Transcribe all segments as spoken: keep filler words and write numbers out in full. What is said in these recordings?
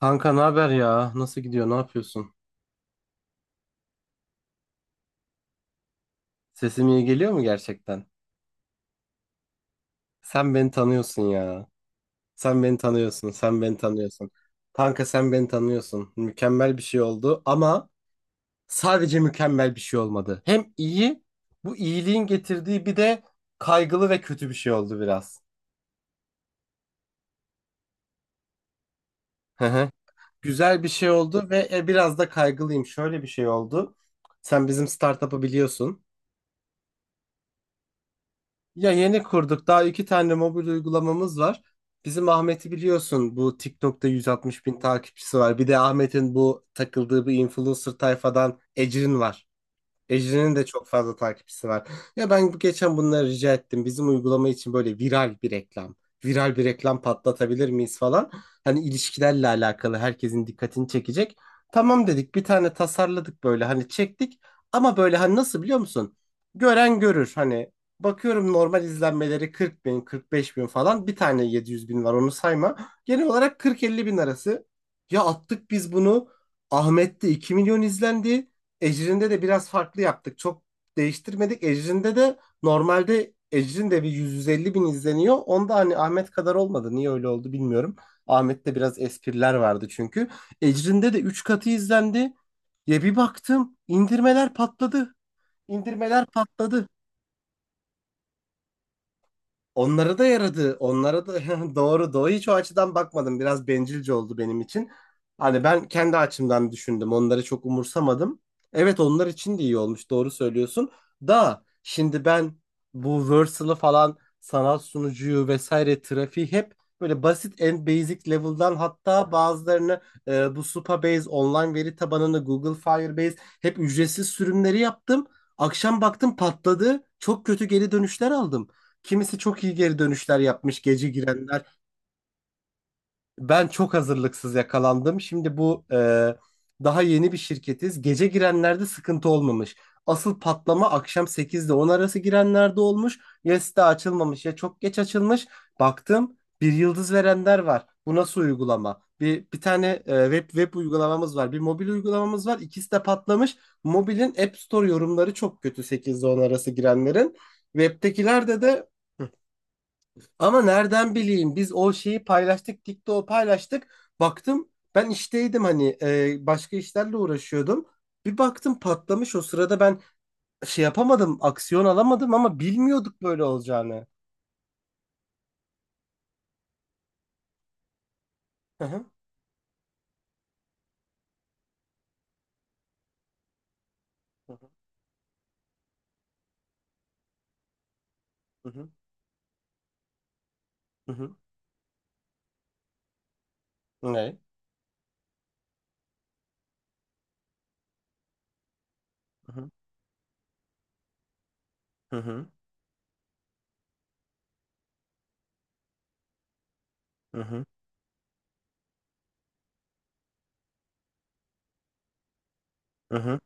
Kanka ne haber ya? Nasıl gidiyor? Ne yapıyorsun? Sesim iyi geliyor mu gerçekten? Sen beni tanıyorsun ya. Sen beni tanıyorsun. Sen beni tanıyorsun. Kanka sen beni tanıyorsun. Mükemmel bir şey oldu ama sadece mükemmel bir şey olmadı. Hem iyi, bu iyiliğin getirdiği bir de kaygılı ve kötü bir şey oldu biraz. Hı hı. Güzel bir şey oldu ve e, biraz da kaygılıyım. Şöyle bir şey oldu. Sen bizim startup'ı biliyorsun. Ya yeni kurduk. Daha iki tane mobil uygulamamız var. Bizim Ahmet'i biliyorsun. Bu TikTok'ta 160 bin takipçisi var. Bir de Ahmet'in bu takıldığı bir influencer tayfadan Ecrin var. Ejrin'in de çok fazla takipçisi var. Ya ben bu- geçen bunları rica ettim. Bizim uygulama için böyle viral bir reklam. Viral bir reklam patlatabilir miyiz falan. Hani ilişkilerle alakalı herkesin dikkatini çekecek. Tamam dedik, bir tane tasarladık böyle hani çektik. Ama böyle hani nasıl biliyor musun? Gören görür hani. Bakıyorum normal izlenmeleri 40 bin, 45 bin falan. Bir tane 700 bin var, onu sayma. Genel olarak 40-50 bin arası. Ya attık biz bunu. Ahmet'te 2 milyon izlendi. Ecrin'de de biraz farklı yaptık. Çok değiştirmedik. Ecrin'de de normalde Ecrin de bir 150 bin izleniyor. Onda hani Ahmet kadar olmadı. Niye öyle oldu bilmiyorum. Ahmet'te biraz espriler vardı çünkü. Ecrin'de de üç katı izlendi. Ya bir baktım indirmeler patladı. İndirmeler patladı. Onlara da yaradı. Onlara da doğru, doğru. Hiç o açıdan bakmadım. Biraz bencilce oldu benim için. Hani ben kendi açımdan düşündüm. Onları çok umursamadım. Evet, onlar için de iyi olmuş. Doğru söylüyorsun. Da şimdi ben bu Versal'ı falan, sanal sunucuyu vesaire, trafiği hep böyle basit, en basic level'dan, hatta bazılarını e, bu Supabase online veri tabanını, Google Firebase, hep ücretsiz sürümleri yaptım. Akşam baktım patladı. Çok kötü geri dönüşler aldım. Kimisi çok iyi geri dönüşler yapmış, gece girenler. Ben çok hazırlıksız yakalandım. Şimdi bu e, daha yeni bir şirketiz. Gece girenlerde sıkıntı olmamış. Asıl patlama akşam sekiz ile on arası girenlerde olmuş. Ya site açılmamış ya çok geç açılmış. Baktım bir yıldız verenler var. Bu nasıl uygulama? Bir, bir tane e, web web uygulamamız var. Bir mobil uygulamamız var. İkisi de patlamış. Mobilin App Store yorumları çok kötü, sekiz ile on arası girenlerin. Web'tekilerde de, ama nereden bileyim, biz o şeyi paylaştık, TikTok'u paylaştık. Baktım, ben işteydim, hani e, başka işlerle uğraşıyordum. Bir baktım patlamış o sırada, ben şey yapamadım, aksiyon alamadım ama bilmiyorduk böyle olacağını. Hı hı. Hı hı. Hı hı. Hı hı. Ne? Hı hı. Hı hı. Hı hı.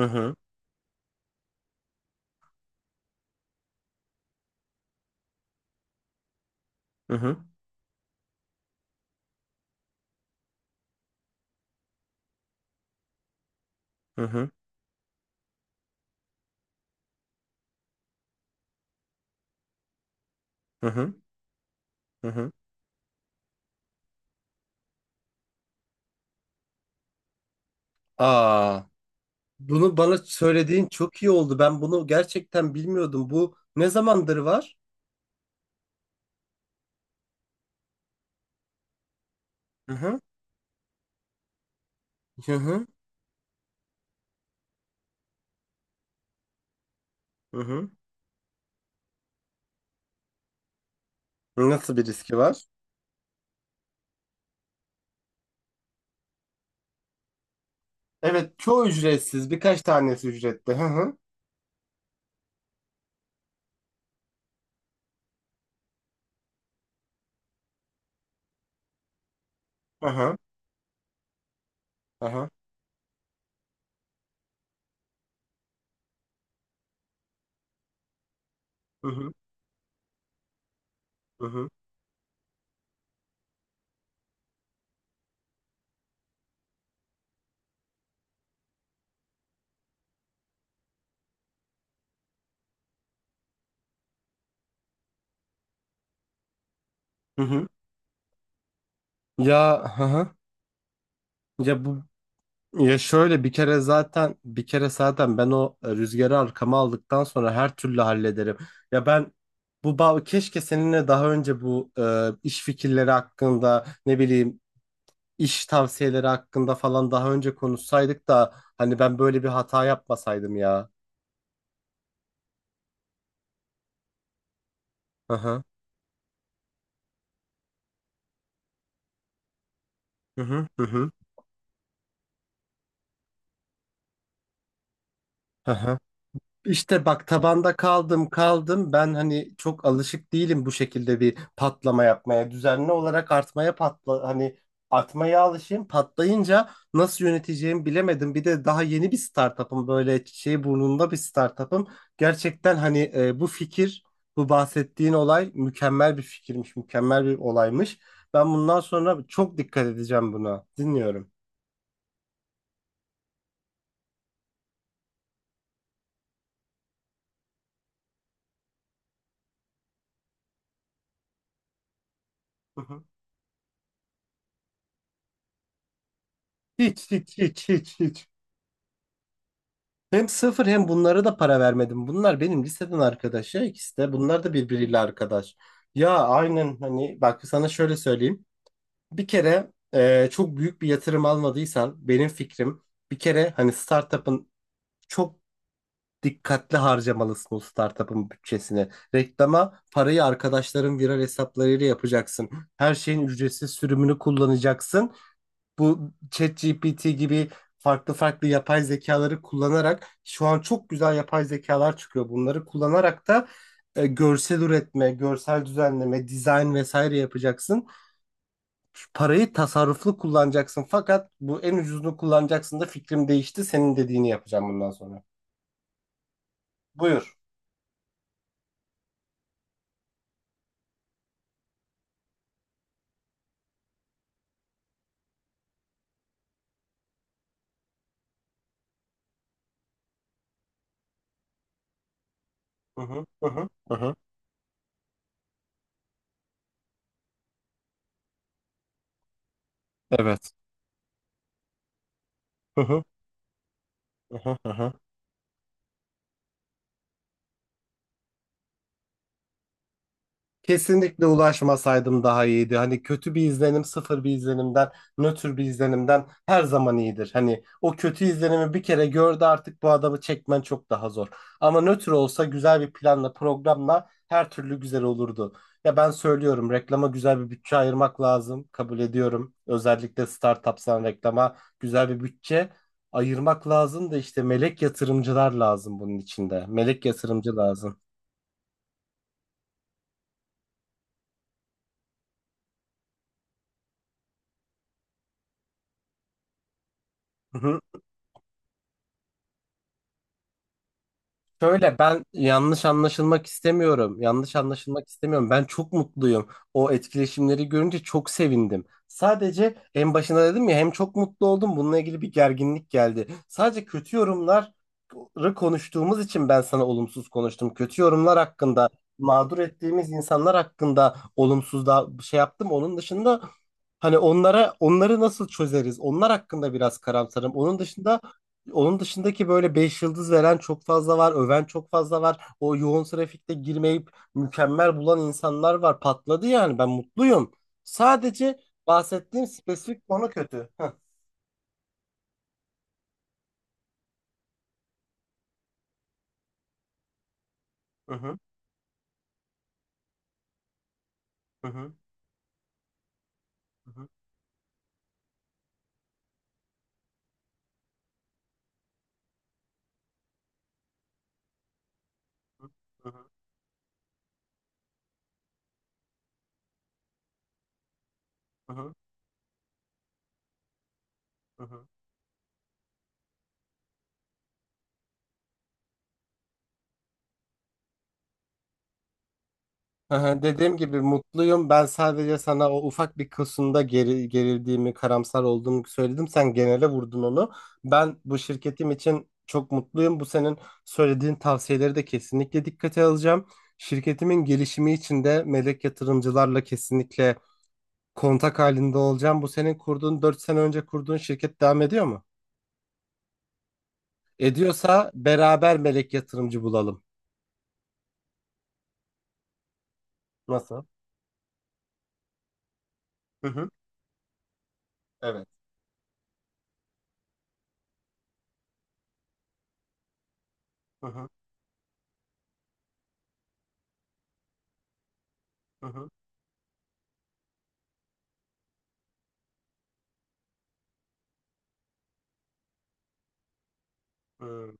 Hı hı. Hı hı. Hı hı. Hı hı. Hı hı. Hı hı. Aa, bunu bana söylediğin çok iyi oldu. Ben bunu gerçekten bilmiyordum. Bu ne zamandır var? Hı hı. Hı hı. Hı hı. Nasıl bir riski var? Evet, çoğu ücretsiz. Birkaç tanesi ücretli. Hı hı. Hı hı. Hı hı. Hı hı. Hı hı. Hı hı. Ya hı hı. Ya bu ya şöyle, bir kere zaten bir kere zaten ben o e, rüzgarı arkama aldıktan sonra her türlü hallederim. Ya ben bu bağ, keşke seninle daha önce bu e, iş fikirleri hakkında, ne bileyim, iş tavsiyeleri hakkında falan daha önce konuşsaydık da hani ben böyle bir hata yapmasaydım ya. Hı hı. Hı hı. Hı hı. İşte bak, tabanda kaldım kaldım ben, hani çok alışık değilim bu şekilde bir patlama yapmaya, düzenli olarak artmaya, patla hani artmaya alışayım, patlayınca nasıl yöneteceğimi bilemedim. Bir de daha yeni bir startup'ım, böyle şey burnunda bir startup'ım gerçekten. Hani e, bu fikir, bu bahsettiğin olay mükemmel bir fikirmiş, mükemmel bir olaymış. Ben bundan sonra çok dikkat edeceğim buna, dinliyorum. Hı hı. Hiç, hiç, hiç, hiç, hiç. Hem sıfır, hem bunlara da para vermedim. Bunlar benim liseden arkadaş ya, ikisi de. Bunlar da birbiriyle arkadaş. Ya aynen, hani bak sana şöyle söyleyeyim. Bir kere e, çok büyük bir yatırım almadıysan, benim fikrim, bir kere hani startup'ın, çok dikkatli harcamalısın o startup'ın bütçesini. Reklama parayı arkadaşların viral hesaplarıyla yapacaksın. Her şeyin ücretsiz sürümünü kullanacaksın, bu ChatGPT gibi farklı farklı yapay zekaları kullanarak. Şu an çok güzel yapay zekalar çıkıyor. Bunları kullanarak da e, görsel üretme, görsel düzenleme, dizayn vesaire yapacaksın. Parayı tasarruflu kullanacaksın, fakat bu en ucuzunu kullanacaksın da, fikrim değişti. Senin dediğini yapacağım bundan sonra. Buyur. Hı hı, hı hı, hı hı. Evet. Hı hı, hı hı, hı hı. Kesinlikle ulaşmasaydım daha iyiydi. Hani kötü bir izlenim, sıfır bir izlenimden, nötr bir izlenimden her zaman iyidir. Hani o kötü izlenimi bir kere gördü, artık bu adamı çekmen çok daha zor. Ama nötr olsa güzel bir planla, programla her türlü güzel olurdu. Ya ben söylüyorum, reklama güzel bir bütçe ayırmak lazım. Kabul ediyorum. Özellikle startupsan reklama güzel bir bütçe ayırmak lazım da, işte melek yatırımcılar lazım bunun içinde. Melek yatırımcı lazım. Şöyle, ben yanlış anlaşılmak istemiyorum. Yanlış anlaşılmak istemiyorum. Ben çok mutluyum. O etkileşimleri görünce çok sevindim. Sadece en başında dedim ya, hem çok mutlu oldum. Bununla ilgili bir gerginlik geldi. Sadece kötü yorumları konuştuğumuz için ben sana olumsuz konuştum. Kötü yorumlar hakkında, mağdur ettiğimiz insanlar hakkında olumsuz da şey yaptım. Onun dışında, hani onlara, onları nasıl çözeriz? Onlar hakkında biraz karamsarım. Onun dışında onun dışındaki böyle beş yıldız veren çok fazla var, öven çok fazla var. O yoğun trafikte girmeyip mükemmel bulan insanlar var. Patladı yani, ben mutluyum. Sadece bahsettiğim spesifik konu kötü. Heh. Hı hı, hı hı, hı hı, hı hı, hı hı, hı hı. Hı hı, dediğim gibi mutluyum. Ben sadece sana o ufak bir kısımda geri, gerildiğimi, karamsar olduğumu söyledim. Sen genele vurdun onu. Ben bu şirketim için çok mutluyum. Bu senin söylediğin tavsiyeleri de kesinlikle dikkate alacağım. Şirketimin gelişimi için de melek yatırımcılarla kesinlikle kontak halinde olacağım. Bu senin kurduğun, dört sene önce kurduğun şirket devam ediyor mu? Ediyorsa beraber melek yatırımcı bulalım. Nasıl? Hı hı. Evet. Hı hı. Hı hı. Hı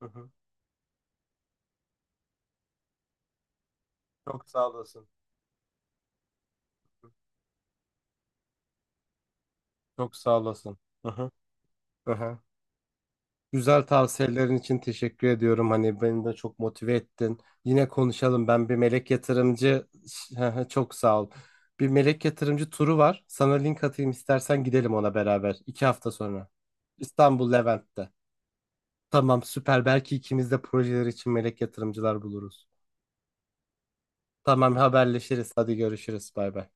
hı. Çok sağ olasın. Çok sağ olasın. Aha, aha. Güzel tavsiyelerin için teşekkür ediyorum. Hani beni de çok motive ettin. Yine konuşalım. Ben bir melek yatırımcı Hı hı, çok sağ ol. Bir melek yatırımcı turu var. Sana link atayım, istersen gidelim ona beraber. İki hafta sonra. İstanbul Levent'te. Tamam süper. Belki ikimiz de projeler için melek yatırımcılar buluruz. Tamam, haberleşiriz. Hadi görüşürüz. Bay bay.